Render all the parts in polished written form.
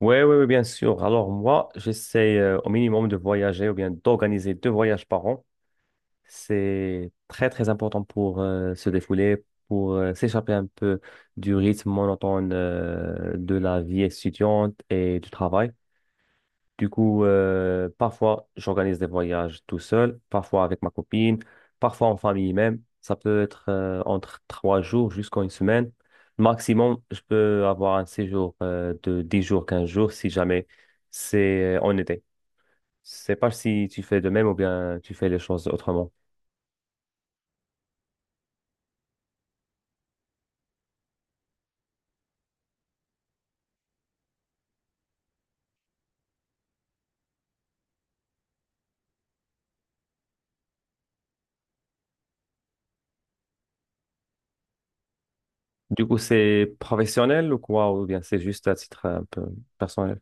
Oui, oui, oui, bien sûr. Alors moi, j'essaie au minimum de voyager ou bien d'organiser deux voyages par an. C'est très, très important pour se défouler, pour s'échapper un peu du rythme monotone de la vie étudiante et du travail. Du coup, parfois, j'organise des voyages tout seul, parfois avec ma copine, parfois en famille même. Ça peut être entre 3 jours jusqu'à une semaine. Maximum, je peux avoir un séjour de 10 jours, 15 jours si jamais c'est en été. Je sais pas si tu fais de même ou bien tu fais les choses autrement. Du coup, c'est professionnel ou quoi? Ou bien c'est juste à titre un peu personnel?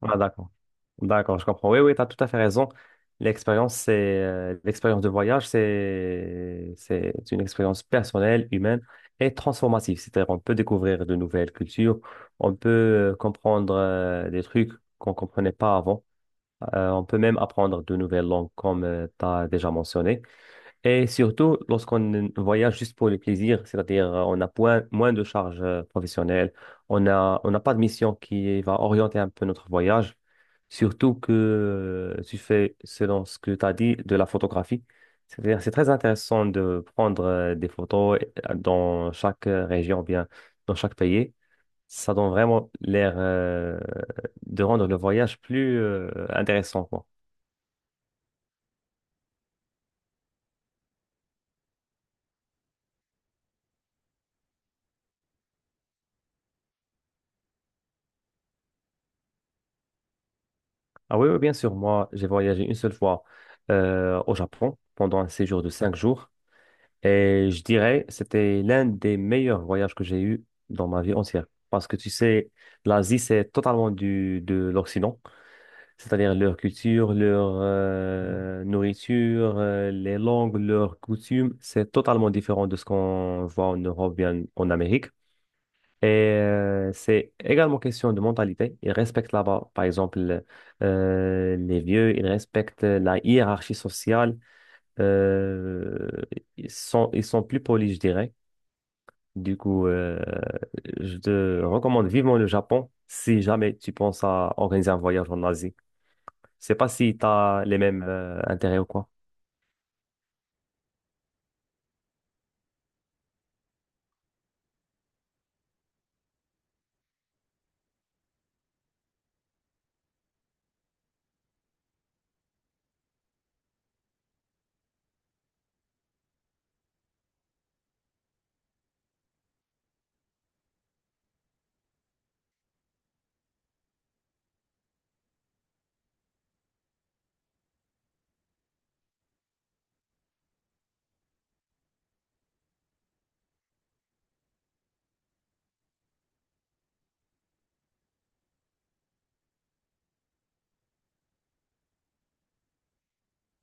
Ah, d'accord. D'accord, je comprends. Oui, oui, tu as tout à fait raison. L'expérience, c'est l'expérience de voyage, c'est une expérience personnelle, humaine et transformative. C'est-à-dire, on peut découvrir de nouvelles cultures, on peut comprendre des trucs qu'on comprenait pas avant. On peut même apprendre de nouvelles langues, comme tu as déjà mentionné. Et surtout, lorsqu'on voyage juste pour le plaisir, c'est-à-dire on a moins de charges professionnelles, on a, on n'a pas de mission qui va orienter un peu notre voyage, surtout que tu fais, selon ce que tu as dit, de la photographie. C'est-à-dire, c'est très intéressant de prendre des photos dans chaque région, ou bien dans chaque pays. Ça donne vraiment l'air de rendre le voyage plus intéressant, quoi. Ah oui, oui, bien sûr. Moi, j'ai voyagé une seule fois au Japon pendant un séjour de 5 jours. Et je dirais, c'était l'un des meilleurs voyages que j'ai eu dans ma vie entière. Parce que tu sais, l'Asie, c'est totalement du, de l'Occident. C'est-à-dire leur culture, leur nourriture, les langues, leurs coutumes. C'est totalement différent de ce qu'on voit en Europe, bien en Amérique. Et c'est également question de mentalité. Ils respectent là-bas, par exemple, les vieux, ils respectent la hiérarchie sociale. Euh, Ils sont, ils sont plus polis, je dirais. Du coup, je te recommande vivement le Japon si jamais tu penses à organiser un voyage en Asie. Je sais pas si tu as les mêmes intérêts ou quoi.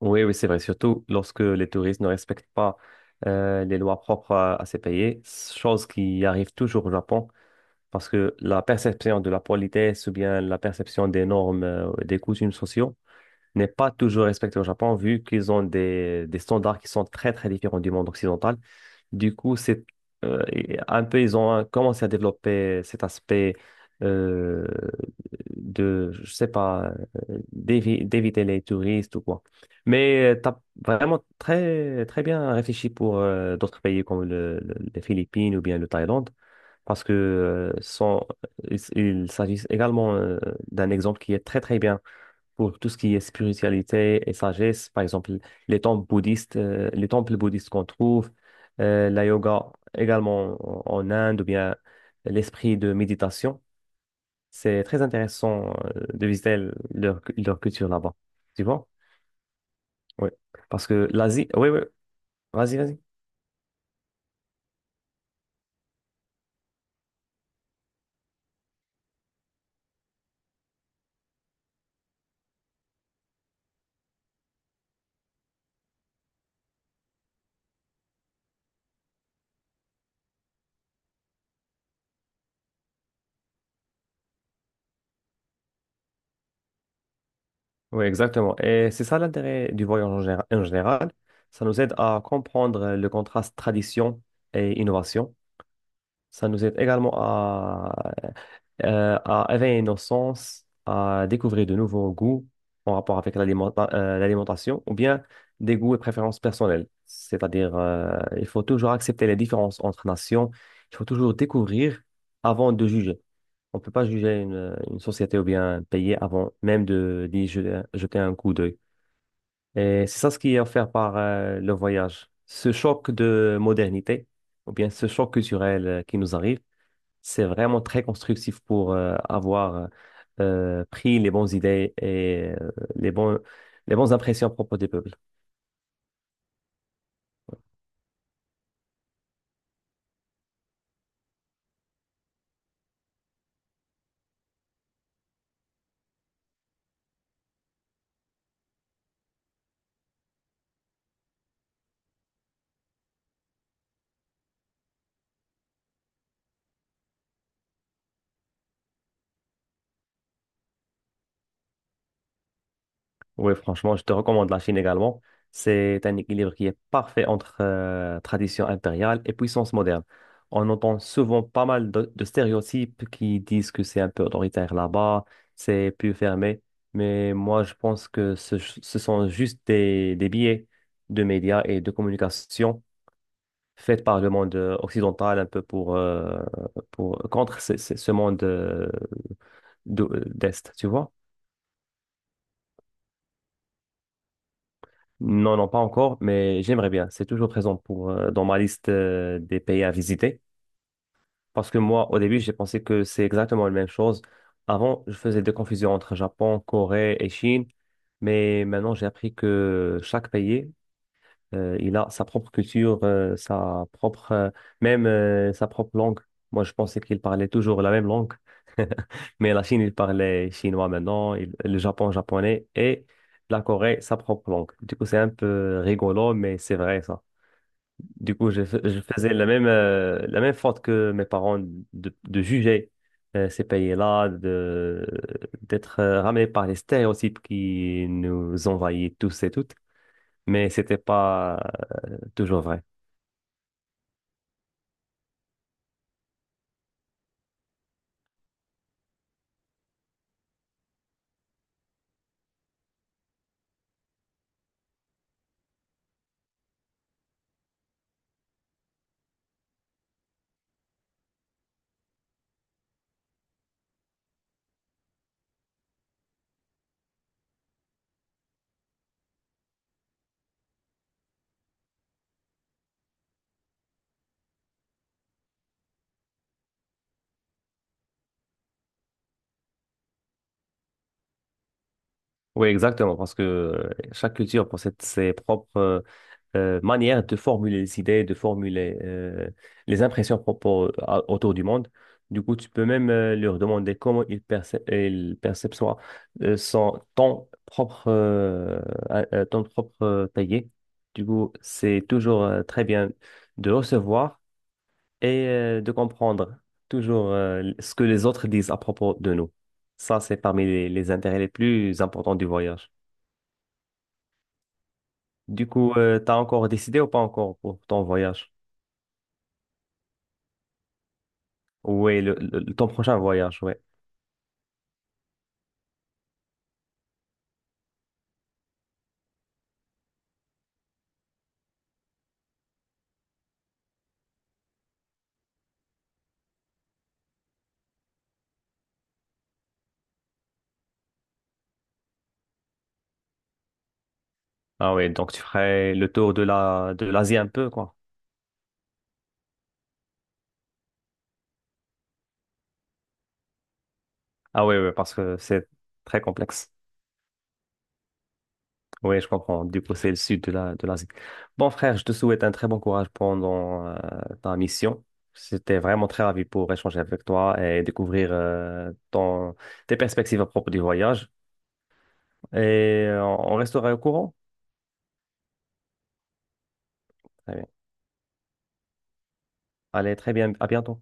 Oui, oui, c'est vrai. Surtout lorsque les touristes ne respectent pas les lois propres à ces pays, chose qui arrive toujours au Japon. Parce que la perception de la politesse ou bien la perception des normes, des coutumes sociaux n'est pas toujours respectée au Japon, vu qu'ils ont des standards qui sont très, très différents du monde occidental. Du coup, c'est et un peu, ils ont commencé à développer cet aspect euh, de, je sais pas, d'éviter les touristes ou quoi. Mais tu as vraiment très, très bien réfléchi pour d'autres pays comme les Philippines ou bien le Thaïlande parce que il s'agit également d'un exemple qui est très très bien pour tout ce qui est spiritualité et sagesse. Par exemple, les temples bouddhistes qu'on trouve, la yoga également en, en Inde ou bien l'esprit de méditation. C'est très intéressant de visiter leur, leur culture là-bas. Tu vois? Oui. Parce que l'Asie, oui, oui, vas-y, vas-y. Oui, exactement. Et c'est ça l'intérêt du voyage en général. En général. Ça nous aide à comprendre le contraste tradition et innovation. Ça nous aide également à éveiller nos sens, à découvrir de nouveaux goûts en rapport avec l'alimentation ou bien des goûts et préférences personnelles. C'est-à-dire, il faut toujours accepter les différences entre nations. Il faut toujours découvrir avant de juger. On ne peut pas juger une société ou bien un pays avant même de d'y jeter, jeter un coup d'œil. Et c'est ça ce qui est offert par le voyage. Ce choc de modernité, ou bien ce choc culturel qui nous arrive, c'est vraiment très constructif pour avoir pris les bonnes idées et les bons, les bonnes impressions à propos des peuples. Oui, franchement, je te recommande la Chine également. C'est un équilibre qui est parfait entre tradition impériale et puissance moderne. On entend souvent pas mal de stéréotypes qui disent que c'est un peu autoritaire là-bas, c'est plus fermé. Mais moi, je pense que ce sont juste des biais de médias et de communication faits par le monde occidental un peu pour contre ce, ce monde d'Est, tu vois? Non, non, pas encore, mais j'aimerais bien. C'est toujours présent pour, dans ma liste, des pays à visiter. Parce que moi, au début, j'ai pensé que c'est exactement la même chose. Avant, je faisais des confusions entre Japon, Corée et Chine. Mais maintenant, j'ai appris que chaque pays il a sa propre culture, sa propre, même sa propre langue. Moi, je pensais qu'il parlait toujours la même langue. Mais la Chine, il parlait chinois maintenant, le Japon, japonais, et la Corée, sa propre langue. Du coup, c'est un peu rigolo, mais c'est vrai, ça. Du coup, je faisais la même faute que mes parents de juger ces pays-là, de, d'être ramenés par les stéréotypes qui nous envahissent tous et toutes mais c'était pas toujours vrai. Oui, exactement, parce que chaque culture possède ses propres manières de formuler les idées, de formuler les impressions autour du monde. Du coup, tu peux même leur demander comment ils perçoivent euh, son- ton propre, euh, ton propre pays. Du coup, c'est toujours très bien de recevoir et de comprendre toujours ce que les autres disent à propos de nous. Ça, c'est parmi les intérêts les plus importants du voyage. Du coup, t'as encore décidé ou pas encore pour ton voyage? Oui, ton prochain voyage, ouais. Ah oui, donc tu ferais le tour de la, de l'Asie un peu, quoi. Ah oui, oui, parce que c'est très complexe. Oui, je comprends. Du coup, c'est le sud de la, de l'Asie. Bon, frère, je te souhaite un très bon courage pendant ta mission. C'était vraiment très ravi pour échanger avec toi et découvrir ton, tes perspectives à propos du voyage. Et on restera au courant. Très bien. Allez, très bien. À bientôt.